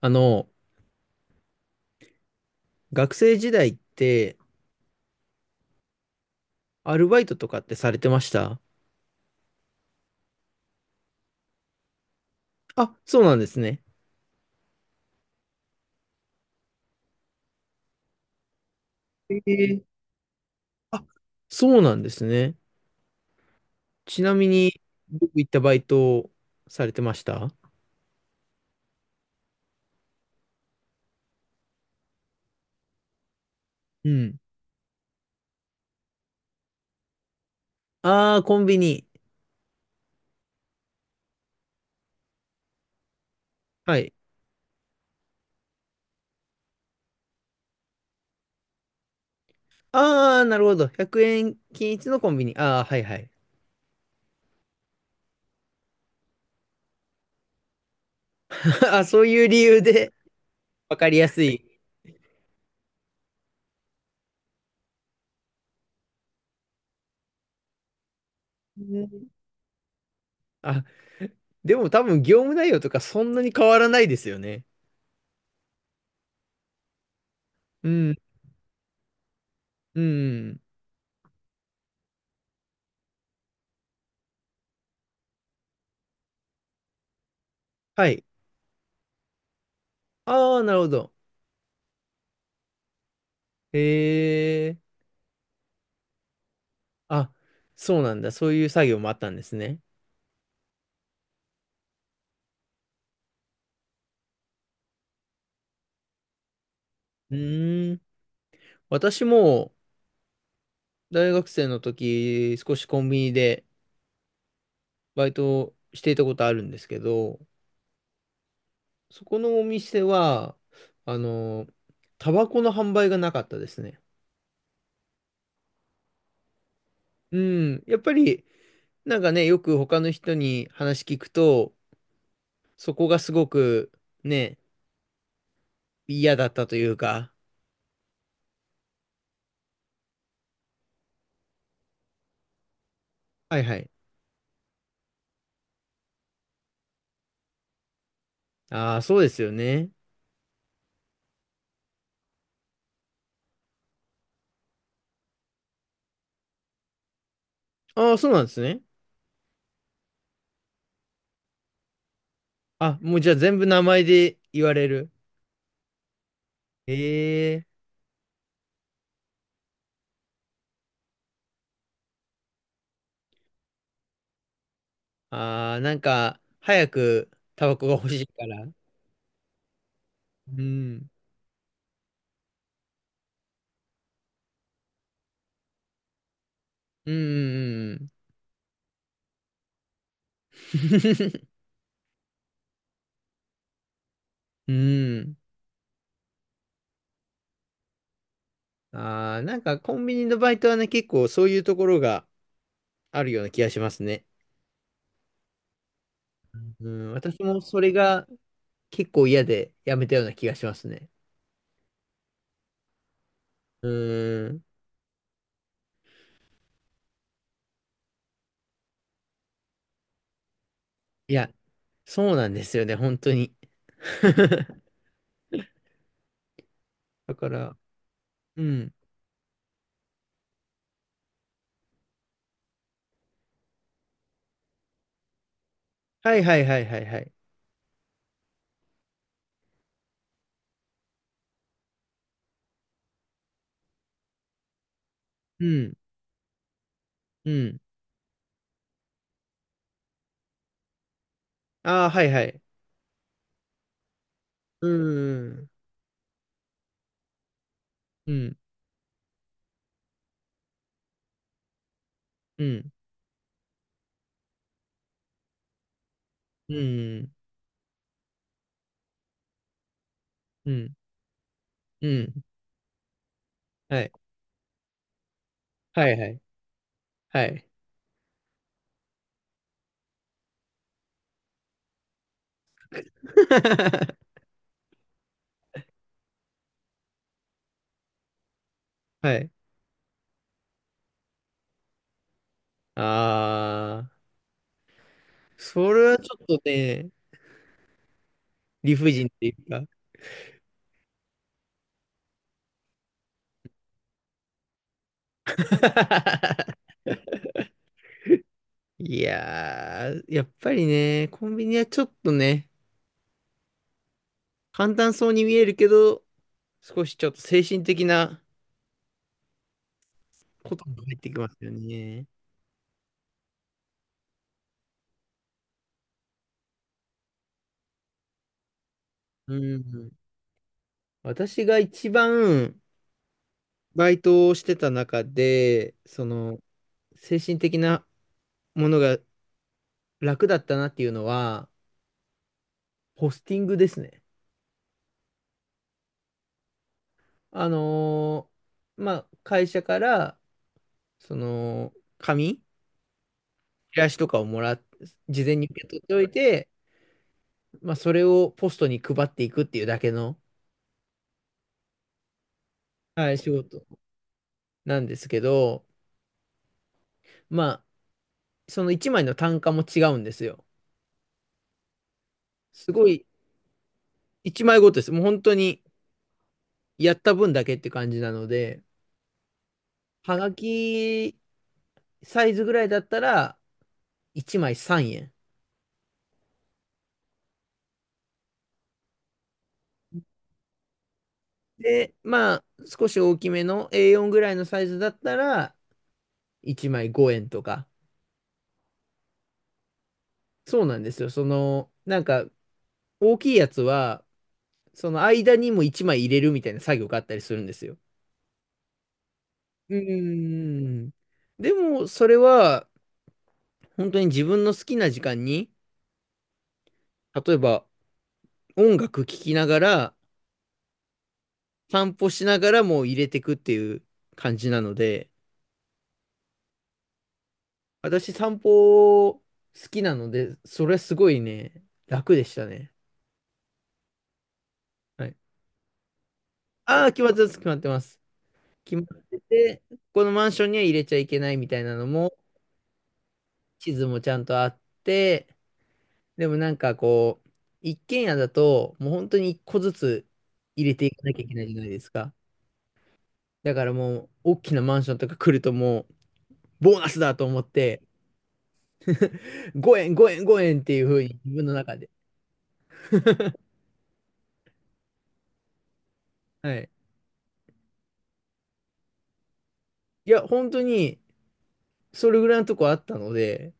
あの、学生時代って、アルバイトとかってされてました？あ、そうなんですね。えー、あ、そうなんですね。ちなみに、僕行ったバイトをされてました？うん。ああ、コンビニ。はい。ああ、なるほど。100円均一のコンビニ。ああ、はいはい。あ、そういう理由で、わかりやすい。うん。あ、でも多分業務内容とかそんなに変わらないですよね。うん、うん。はい。ああ、なるほど。へえ。あ、そうなんだ。そういう作業もあったんですね。うーん。私も大学生の時、少しコンビニでバイトをしていたことあるんですけど、そこのお店は、あの、タバコの販売がなかったですね。うん。やっぱり、なんかね、よく他の人に話聞くと、そこがすごくね、嫌だったというか。はいはい。ああ、そうですよね。ああ、そうなんですね。あ、もうじゃあ全部名前で言われる？ええ。ああー、なんか、早くタバコが欲しいから。うん。うんうんうんうん。うん。ああ、なんかコンビニのバイトはね、結構そういうところがあるような気がしますね。うん。私もそれが結構嫌でやめたような気がしますね。うん。いや、そうなんですよね、本当に。だから、うん。はいはいはいはいはい。うん。うん。ああ、はいはい。うん。うん。うん。うん、うん、うん。はい。はい、はい。はい。はい。あー、それはちょっとね、理不尽っていうか。いやー、やっぱりね、コンビニはちょっとね、簡単そうに見えるけど、少しちょっと精神的なことも入ってきますよね。うん。私が一番バイトをしてた中で、その、精神的なものが楽だったなっていうのは、ホスティングですね。あのまあ、会社から、その、紙、チラシとかをもらっ、事前に受け取っておいて、まあ、それをポストに配っていくっていうだけの、はい、仕事なんですけど、まあ、その1枚の単価も違うんですよ。すごい、1枚ごとです。もう本当に、やった分だけって感じなので、はがきサイズぐらいだったら、1枚3円。で、まあ、少し大きめの A4 ぐらいのサイズだったら、1枚5円とか。そうなんですよ。その、なんか、大きいやつは、その間にも1枚入れるみたいな作業があったりするんですよ。うーん。でも、それは、本当に自分の好きな時間に、例えば、音楽聴きながら、散歩しながらもう入れてくっていう感じなので、私散歩好きなので、それはすごいね、楽でしたね。はい。ああ、決まってます、決まってます。決まってて、このマンションには入れちゃいけないみたいなのも、地図もちゃんとあって、でもなんかこう、一軒家だと、もう本当に一個ずつ入れていかなきゃいけないじゃないですか。だからもう、大きなマンションとか来るともう、ボーナスだと思って、5円、5円、5円っていうふうに自分の中で。はい。いや、本当に、それぐらいのとこあったので、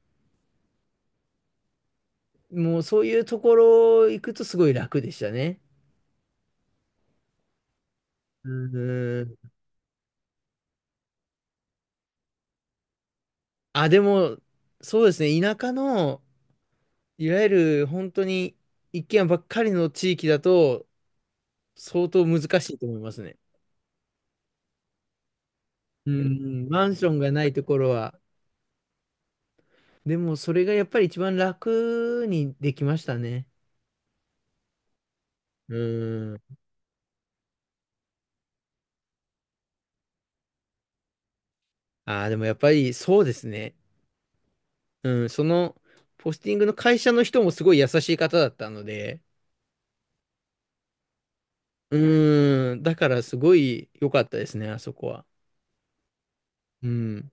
もうそういうところ行くとすごい楽でしたね。うーん。あ、でも、そうですね。田舎の、いわゆる本当に一軒家ばっかりの地域だと、相当難しいと思いますね。うんん、マンションがないところは。でも、それがやっぱり一番楽にできましたね。うん。ああ、でもやっぱりそうですね。うん、その、ポスティングの会社の人もすごい優しい方だったので、うん、だからすごい良かったですね、あそこは。うん。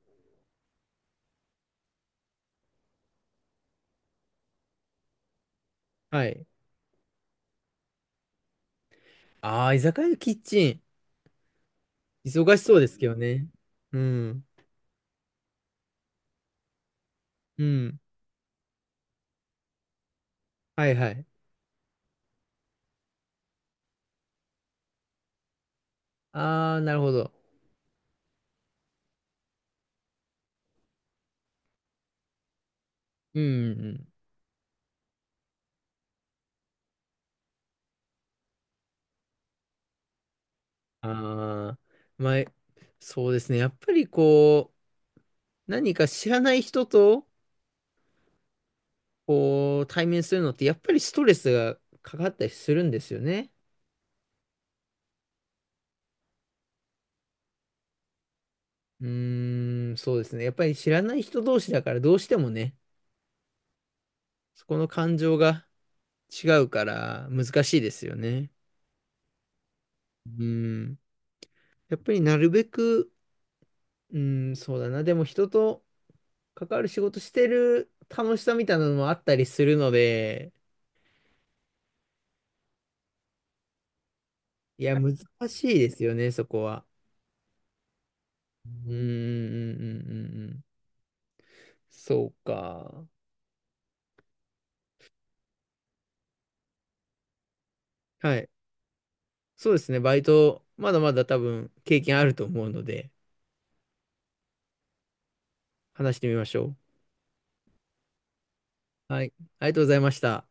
はい。ああ、居酒屋のキッチン。忙しそうですけどね。うん。うん。はいはい。ああ、なるほど。うん。ああー、まあ、そうですね。やっぱりこう、何か知らない人と、こう、対面するのって、やっぱりストレスがかかったりするんですよね。うーん、そうですね。やっぱり知らない人同士だから、どうしてもね、そこの感情が違うから難しいですよね。うん。やっぱりなるべく、うん、そうだな。でも人と、関わる仕事してる楽しさみたいなのもあったりするので、いや、難しいですよね、そこは。うん、うん、うん、うんうん。そうか。はい。そうですね、バイト、まだまだ多分経験あると思うので、話してみましょう。はい。ありがとうございました。